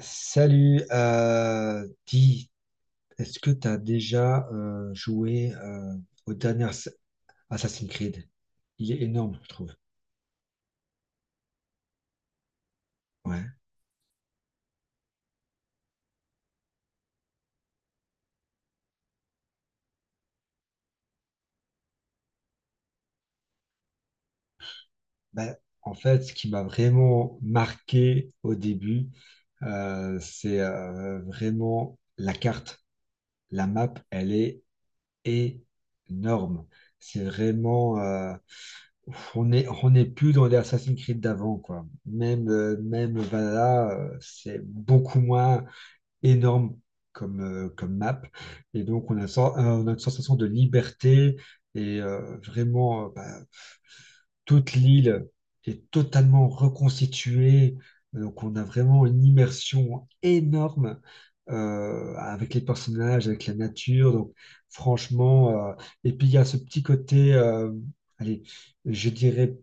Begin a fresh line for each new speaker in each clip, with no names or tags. Salut, dis, est-ce que tu as déjà joué au dernier Assassin's Creed? Il est énorme, je trouve. Ouais. Ben, en fait, ce qui m'a vraiment marqué au début, c'est vraiment la carte. La map, elle est énorme. C'est vraiment on n'est plus dans les Assassin's Creed d'avant, quoi. Même Valhalla, c'est beaucoup moins énorme comme map. Et donc, on a une sensation de liberté et vraiment, bah, toute l'île est totalement reconstituée. Donc, on a vraiment une immersion énorme avec les personnages, avec la nature. Donc, franchement, et puis il y a ce petit côté, allez, je dirais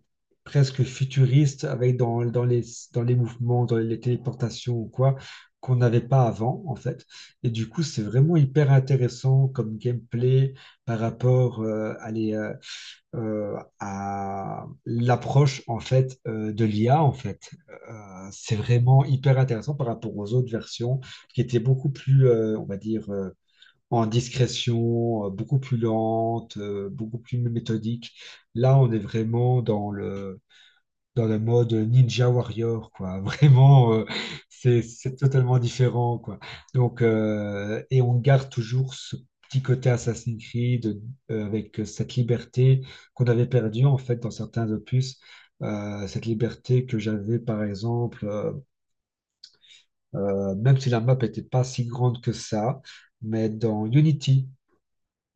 presque futuriste, avec dans les mouvements, dans les téléportations ou quoi, qu'on n'avait pas avant, en fait. Et du coup, c'est vraiment hyper intéressant comme gameplay par rapport, à l'approche en fait de l'IA en fait. C'est vraiment hyper intéressant par rapport aux autres versions qui étaient beaucoup plus, on va dire, en discrétion, beaucoup plus lente, beaucoup plus méthodique. Là, on est vraiment dans le mode Ninja Warrior, quoi. Vraiment, c'est totalement différent, quoi. Et on garde toujours ce petit côté Assassin's Creed avec cette liberté qu'on avait perdue, en fait, dans certains opus. Cette liberté que j'avais, par exemple, même si la map n'était pas si grande que ça, mais dans Unity.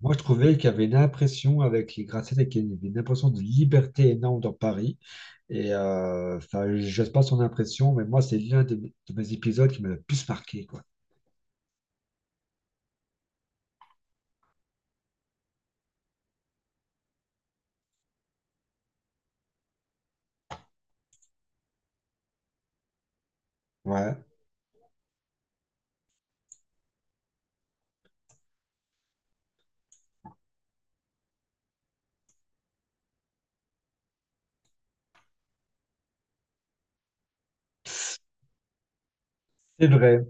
Moi, je trouvais qu'il y avait une impression avec les gratte-ciels, qu'il y avait une impression de liberté énorme dans Paris. Et enfin, je sais pas son impression, mais moi, c'est l'un de mes épisodes qui m'a le plus marqué, quoi. Ouais, c'est vrai.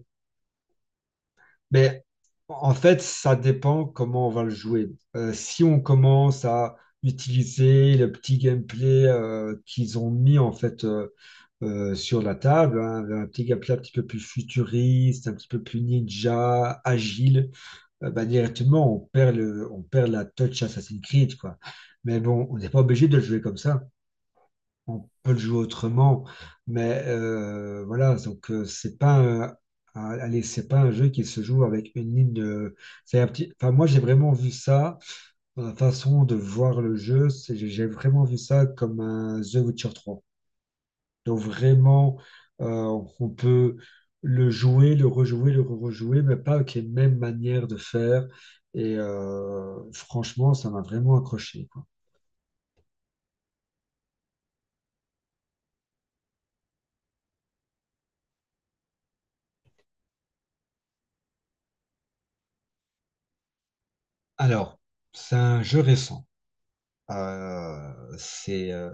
Mais en fait, ça dépend comment on va le jouer. Si on commence à utiliser le petit gameplay qu'ils ont mis en fait sur la table, hein, un petit gameplay un petit peu plus futuriste, un petit peu plus ninja, agile. Bah, directement, on perd la touch Assassin's Creed, quoi. Mais bon, on n'est pas obligé de le jouer comme ça. On peut le jouer autrement. Mais voilà, donc c'est pas un, un- allez, c'est pas un jeu qui se joue avec une ligne de. C'est un petit. Enfin, moi, j'ai vraiment vu ça dans la façon de voir le jeu. J'ai vraiment vu ça comme un The Witcher 3. Donc vraiment, euh, on peut le jouer, le rejouer, mais pas avec les mêmes manières de faire. Et franchement, ça m'a vraiment accroché, quoi. Alors, c'est un jeu récent. Euh, c'est euh,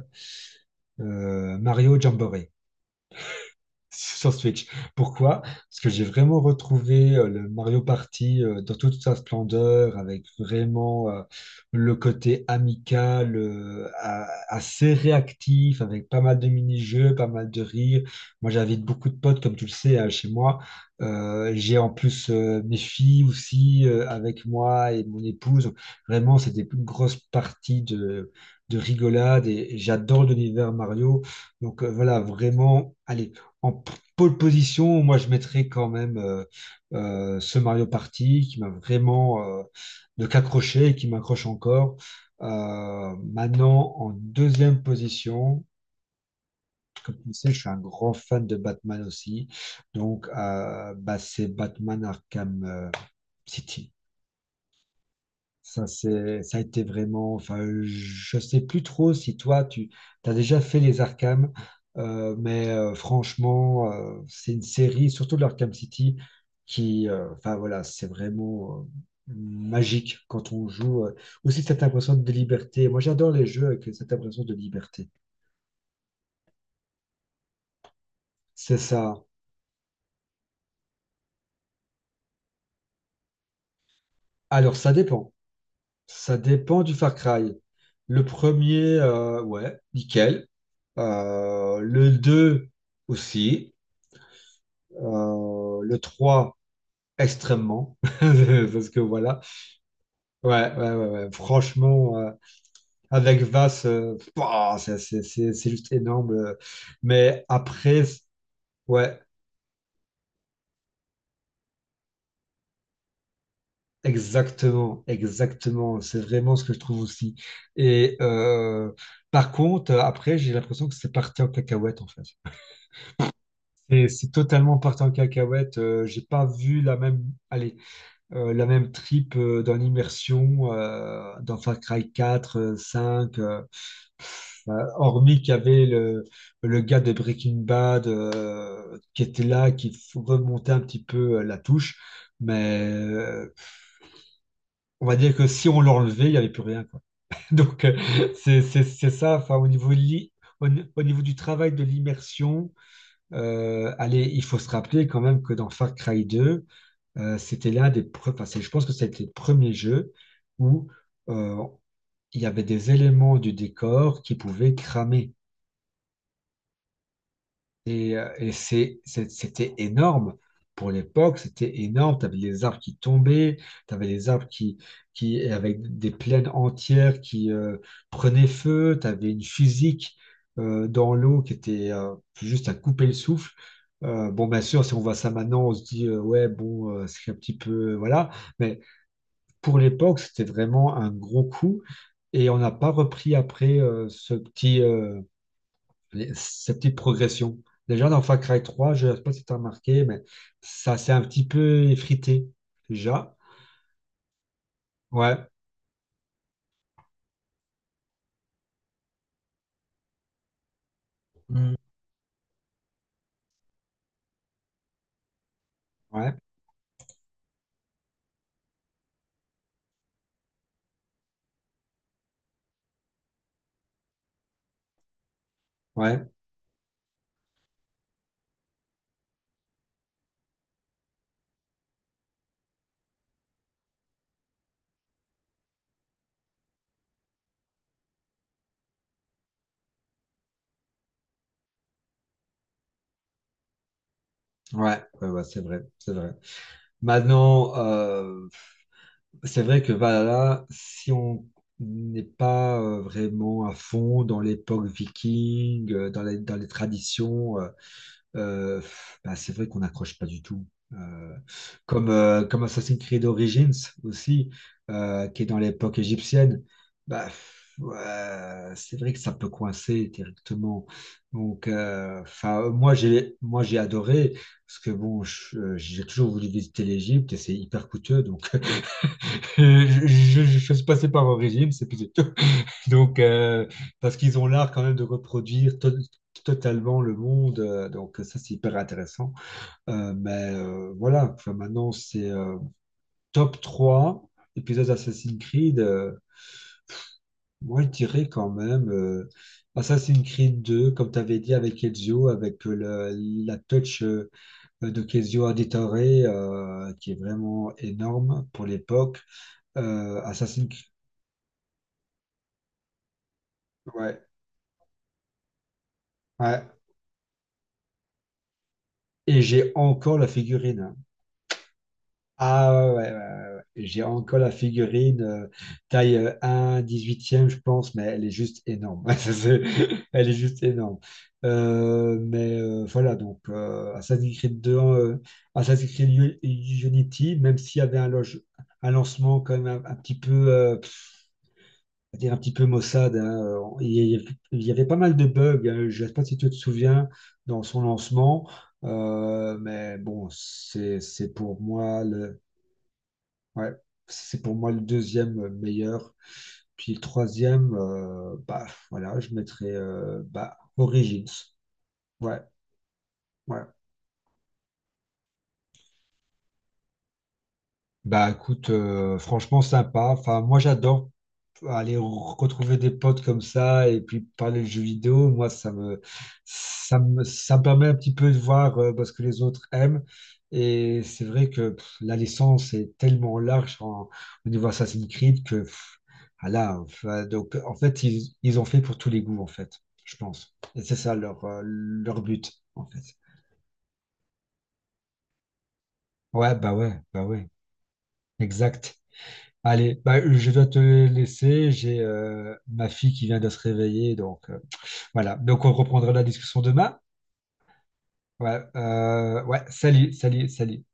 euh, Mario Jamboree. Sur Switch. Pourquoi? Parce que j'ai vraiment retrouvé le Mario Party dans toute sa splendeur, avec vraiment le côté amical, assez réactif, avec pas mal de mini-jeux, pas mal de rires. Moi, j'invite beaucoup de potes, comme tu le sais, hein, chez moi. J'ai en plus mes filles aussi avec moi et mon épouse. Vraiment, c'est des grosses parties de rigolade et j'adore l'univers Mario. Voilà, vraiment, allez. En pole position, moi je mettrais quand même ce Mario Party qui m'a vraiment de qu'accroché et qui m'accroche encore. Maintenant, en deuxième position, comme tu le sais, je suis un grand fan de Batman aussi. Donc, bah, c'est Batman Arkham City. Ça, ça a été vraiment. Enfin, je sais plus trop si toi, tu as déjà fait les Arkham, mais franchement, c'est une série, surtout de l'Arkham City, qui, enfin voilà, c'est vraiment magique quand on joue. Aussi cette impression de liberté. Moi, j'adore les jeux avec cette impression de liberté. C'est ça. Alors, ça dépend. Ça dépend du Far Cry. Le premier, ouais, nickel. Le 2 aussi. Le 3 extrêmement. Parce que voilà. Ouais, ouais, ouais, ouais. Franchement, avec Vas, pouah, c'est juste énorme. Mais après, ouais, exactement, exactement. C'est vraiment ce que je trouve aussi. Et par contre, après, j'ai l'impression que c'est parti en cacahuète, en fait. C'est totalement parti en cacahuète. J'ai pas vu la même. Allez. La même trip dans l'immersion dans Far Cry 4, 5, enfin, hormis qu'il y avait le gars de Breaking Bad qui était là, remontait un petit peu la touche. Mais on va dire que si on l'enlevait, il n'y avait plus rien, quoi. Donc euh, c'est ça, enfin, au niveau, li- au, ni- au niveau du travail de l'immersion, allez, il faut se rappeler quand même que dans Far Cry 2, c'était enfin, je pense que c'était le premier jeu où euh, il y avait des éléments du décor qui pouvaient cramer. Et c'était énorme. Pour l'époque, c'était énorme. Tu avais les arbres qui tombaient, tu avais les arbres et avec des plaines entières qui prenaient feu, tu avais une physique dans l'eau qui était juste à couper le souffle. Bon, bien sûr, si on voit ça maintenant, on se dit, ouais, bon, c'est un petit peu, voilà. Mais pour l'époque, c'était vraiment un gros coup. Et on n'a pas repris après ce petit, cette petite progression. Déjà, dans Far Cry 3, je ne sais pas si tu as remarqué, mais ça s'est un petit peu effrité déjà. Ouais. Hmm. Ouais, ouais, ouais, ouais, ouais, c'est vrai, c'est vrai. Maintenant, c'est vrai que Valhalla, si on n'est pas vraiment à fond dans l'époque viking, dans les traditions. Euh, Euh, bah, c'est vrai qu'on n'accroche pas du tout. Euh, comme Assassin's Creed Origins aussi, qui est dans l'époque égyptienne, bah, ouais, c'est vrai que ça peut coincer directement. Donc, enfin, moi, j'ai adoré, parce que bon, j'ai toujours voulu visiter l'Égypte et c'est hyper coûteux. Donc, je suis passé par Origins, et puis c'est plus tout. Donc, parce qu'ils ont l'art quand même de reproduire totalement le monde. Donc, ça, c'est hyper intéressant. Mais voilà, enfin, maintenant c'est top 3 épisodes Assassin's Creed. Moi, je dirais quand même Assassin's Creed 2, comme tu avais dit avec Ezio, avec la touch de Kezio Auditore, qui est vraiment énorme pour l'époque. Assassin's Creed, ouais, ouais. Et j'ai encore la figurine, hein. Ah ouais, ouais, ouais, ouais, ouais. J'ai encore la figurine taille 1, 18e, je pense, mais elle est juste énorme. Elle est juste énorme. Mais voilà, Assassin's Creed 2, Assassin's Creed Unity, même s'il y avait un lancement quand même un petit peu, à dire un petit peu maussade, hein, il y avait pas mal de bugs. Hein, je ne sais pas si tu te souviens dans son lancement, mais bon, c'est pour moi ouais, c'est pour moi le deuxième meilleur. Puis le troisième, bah voilà, je mettrais bah, Origins. Ouais, ouais. Bah écoute, franchement sympa. Enfin, moi j'adore aller retrouver des potes comme ça et puis parler de jeux vidéo, moi, ça me permet un petit peu de voir bah, ce que les autres aiment. Et c'est vrai que pff, la licence est tellement large au niveau Assassin's Creed que pff, voilà, enfin, donc, en fait, ils ont fait pour tous les goûts, en fait, je pense. Et c'est ça leur but, en fait. Ouais, bah ouais, bah ouais, exact. Allez, bah, je dois te laisser. J'ai ma fille qui vient de se réveiller, donc. Voilà, donc on reprendra la discussion demain. Ouais, ouais, salut, salut, salut.